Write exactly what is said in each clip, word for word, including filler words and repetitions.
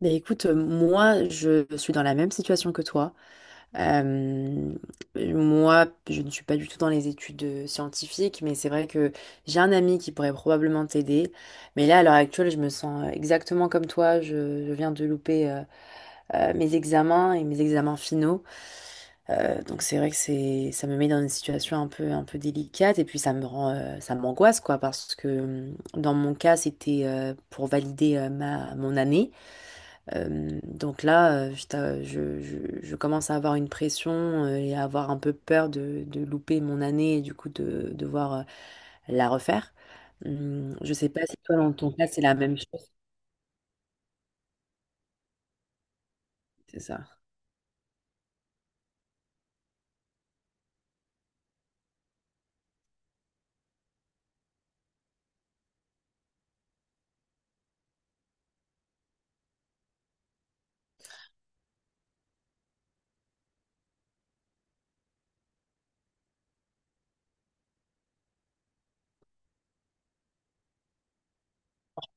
Mais écoute, euh, moi, je suis dans la même situation que toi. Euh, Moi, je ne suis pas du tout dans les études euh, scientifiques, mais c'est vrai que j'ai un ami qui pourrait probablement t'aider. Mais là, à l'heure actuelle, je me sens euh, exactement comme toi. Je, je viens de louper euh, euh, mes examens et mes examens finaux. Euh, donc c'est vrai que c'est, ça me met dans une situation un peu, un peu délicate et puis ça me rend, euh, ça m'angoisse quoi, parce que euh, dans mon cas, c'était euh, pour valider euh, ma, mon année. Euh, donc là, euh, je, t'a- je- je- je commence à avoir une pression euh, et à avoir un peu peur de, de louper mon année et du coup de devoir euh, la refaire. Hum, je sais pas si toi, dans ton cas, c'est la même chose. C'est ça.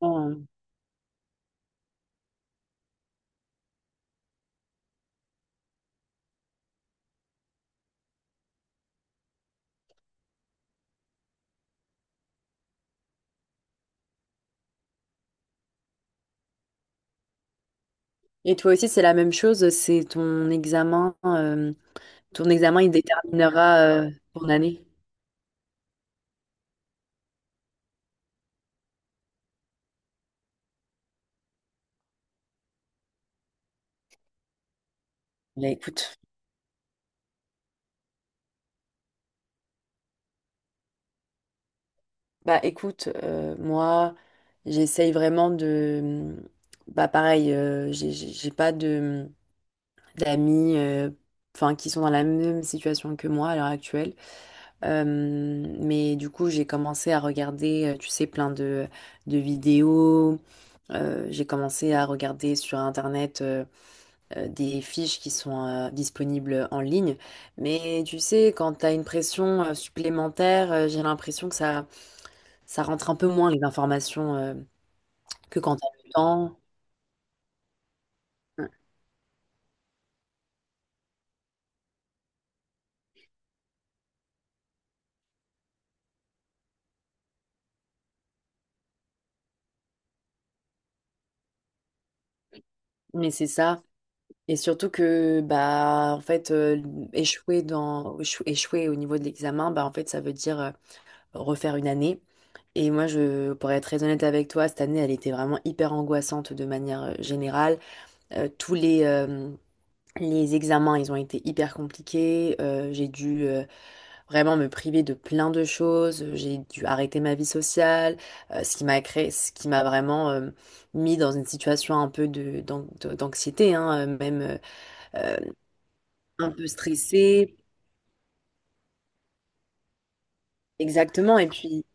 Oh. Et toi aussi, c'est la même chose. C'est ton examen. Euh, ton examen, il déterminera euh, ton année. Bah écoute, bah écoute, euh, moi j'essaye vraiment de, bah pareil, euh, j'ai j'ai- j'ai pas de, d'amis euh, enfin qui sont dans la même situation que moi à l'heure actuelle. Euh, mais du coup, j'ai commencé à regarder, euh, tu sais, plein de, de vidéos. Euh, j'ai commencé à regarder sur Internet euh, euh, des fiches qui sont euh, disponibles en ligne. Mais tu sais, quand tu as une pression euh, supplémentaire, euh, j'ai l'impression que ça, ça rentre un peu moins les informations euh, que quand tu as le temps. Mais c'est ça. Et surtout que, bah, en fait, euh, échouer dans, échou- échouer au niveau de l'examen, bah, en fait, ça veut dire euh, refaire une année. Et moi, je, pour être très honnête avec toi, cette année, elle était vraiment hyper angoissante de manière euh, générale. Euh, tous les, euh, les examens, ils ont été hyper compliqués. Euh, j'ai dû euh, vraiment me priver de plein de choses. J'ai dû arrêter ma vie sociale, euh, ce qui m'a créé, ce qui m'a vraiment euh, mis dans une situation un peu de, d'an- d'anxiété, hein, euh, même un peu stressée. Exactement. Et puis,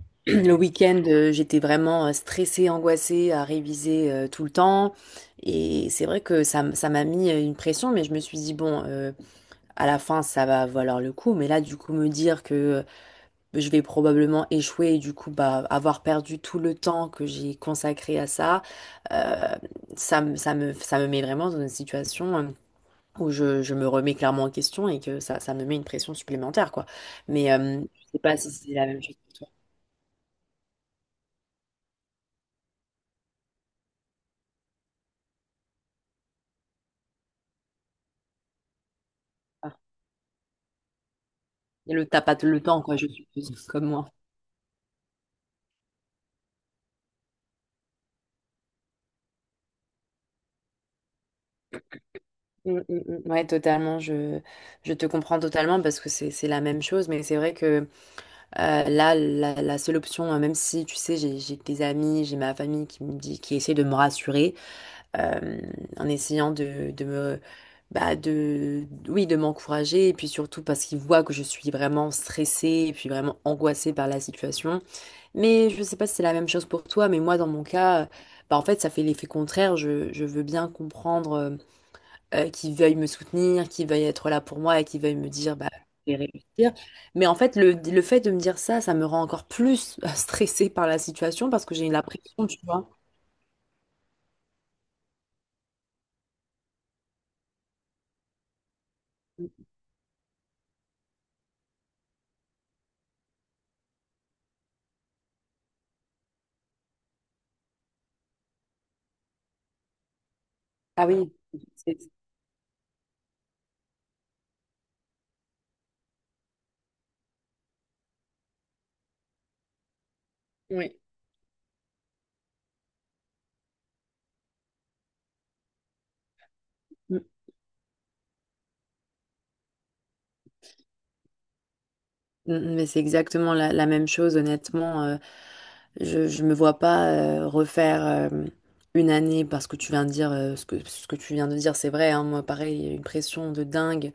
le week-end, euh, j'étais vraiment euh, stressée, angoissée à réviser euh, tout le temps. Et c'est vrai que ça, m- ça m'a mis euh, une pression, mais je me suis dit, bon, euh, à la fin, ça va valoir le coup. Mais là, du coup, me dire que euh, je vais probablement échouer et du coup, bah, avoir perdu tout le temps que j'ai consacré à ça, euh, ça, me- ça me, ça me met vraiment dans une situation. Euh, où je, je me remets clairement en question et que ça, ça me met une pression supplémentaire, quoi. Mais euh, je sais pas si c'est la même chose pour toi. Ah. Et le t'as pas le temps, quoi, je suppose, comme moi. Mm, mm, mm. Ouais, totalement. Je, je te comprends totalement parce que c'est c'est la même chose. Mais c'est vrai que euh, là, la, la seule option, euh, même si, tu sais, j'ai j'ai des amis, j'ai ma famille qui me dit, qui essaie de me rassurer. euh, En essayant de, de me bah de oui de m'encourager et puis surtout parce qu'il voit que je suis vraiment stressée et puis vraiment angoissée par la situation. Mais je sais pas si c'est la même chose pour toi, mais moi dans mon cas, euh, bah en fait ça fait l'effet contraire. Je, je veux bien comprendre euh, euh, qu'il veuille me soutenir, qu'ils veuillent être là pour moi et qu'ils veuillent me dire bah je vais réussir. Mais en fait le, le fait de me dire ça ça me rend encore plus stressée par la situation parce que j'ai la pression tu vois. Ah oui. C'est- Oui. Mm, mm. Mais c'est exactement la, la même chose, honnêtement. Euh, je, je me vois pas euh, refaire euh, une année, parce que tu viens de dire euh, ce que, ce que tu viens de dire, c'est vrai. Hein, moi, pareil, il y a une pression de dingue,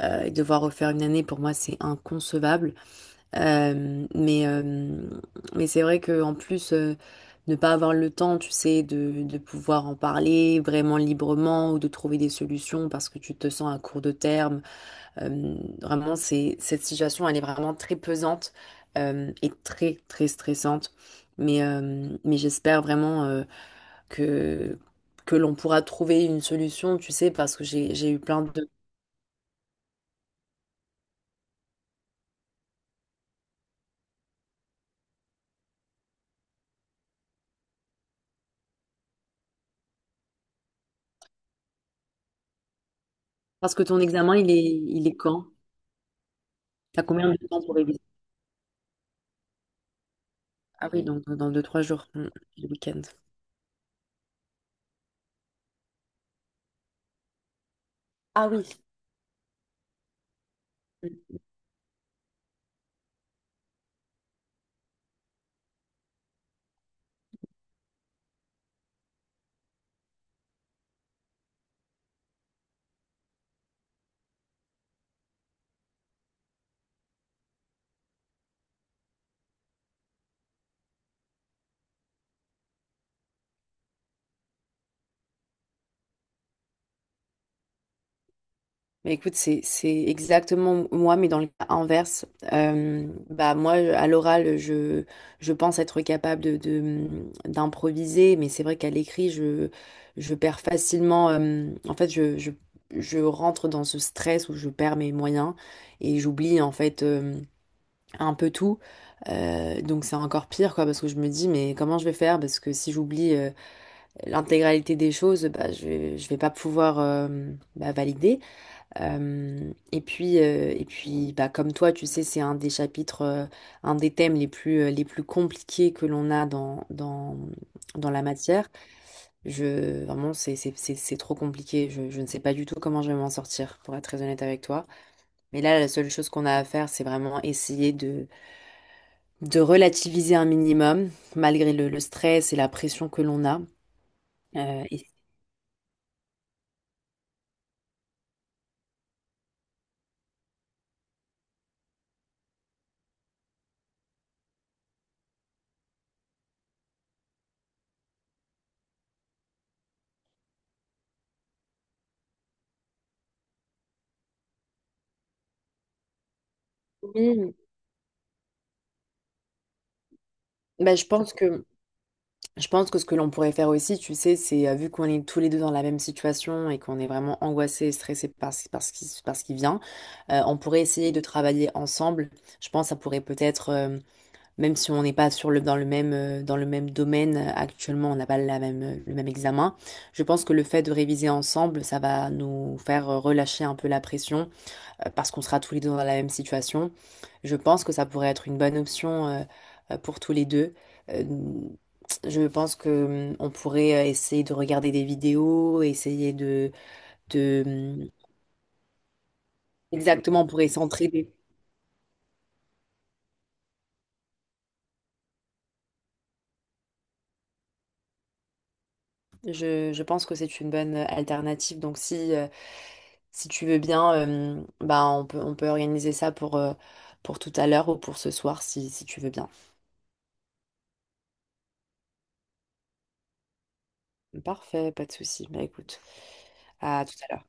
euh, et devoir refaire une année pour moi, c'est inconcevable. Euh, mais euh, mais c'est vrai que en plus. Euh, ne pas avoir le temps, tu sais, de, de pouvoir en parler vraiment librement ou de trouver des solutions parce que tu te sens à court de terme, euh, vraiment, c'est, cette situation, elle est vraiment très pesante, euh, et très, très stressante. Mais, euh, mais j'espère vraiment euh, que, que l'on pourra trouver une solution, tu sais, parce que j'ai, j'ai eu plein de... Parce que ton examen, il est, il est quand? T'as combien de temps pour réviser? Ah oui, donc dans deux, trois jours, mm, le week-end. Ah oui. Mais écoute, c'est c'est exactement moi, mais dans le cas inverse. Euh, bah moi, à l'oral, je je pense être capable de de- d'improviser, mais c'est vrai qu'à l'écrit, je je perds facilement. Euh, en fait, je, je je rentre dans ce stress où je perds mes moyens et j'oublie en fait euh, un peu tout. Euh, donc c'est encore pire quoi, parce que je me dis mais comment je vais faire, parce que si j'oublie euh, l'intégralité des choses, bah je vais je vais pas pouvoir euh, bah, valider. Euh, et puis, euh, et puis bah, comme toi, tu sais, c'est un des chapitres, euh, un des thèmes les plus, euh, les plus compliqués que l'on a dans, dans, dans la matière. Je, vraiment, c'est c'est- c'est- c'est trop compliqué. Je, je ne sais pas du tout comment je vais m'en sortir, pour être très honnête avec toi. Mais là, la seule chose qu'on a à faire, c'est vraiment essayer de, de relativiser un minimum, malgré le, le stress et la pression que l'on a. Euh, et- Oui. Bah, je pense que... Je pense que ce que l'on pourrait faire aussi, tu sais, c'est euh, vu qu'on est tous les deux dans la même situation et qu'on est vraiment angoissé, et stressés par ce, par ce qui, par ce qui vient, euh, on pourrait essayer de travailler ensemble. Je pense que ça pourrait peut-être, euh, même si on n'est pas sur le, dans le même, euh, dans le même domaine euh, actuellement, on n'a pas la même, euh, le même examen, je pense que le fait de réviser ensemble, ça va nous faire euh, relâcher un peu la pression, euh, parce qu'on sera tous les deux dans la même situation. Je pense que ça pourrait être une bonne option, euh, euh, pour tous les deux. Euh, je pense que hum, on pourrait euh, essayer de regarder des vidéos, essayer de, de hum, exactement, on pourrait s'entraider. Je, je pense que c'est une bonne euh, alternative. Donc si, euh, si tu veux bien, euh, mm, bah, on peut, on peut organiser ça pour, euh, pour tout à l'heure ou pour ce soir, si, si tu veux bien. Parfait, pas de souci. Bah écoute, à tout à l'heure.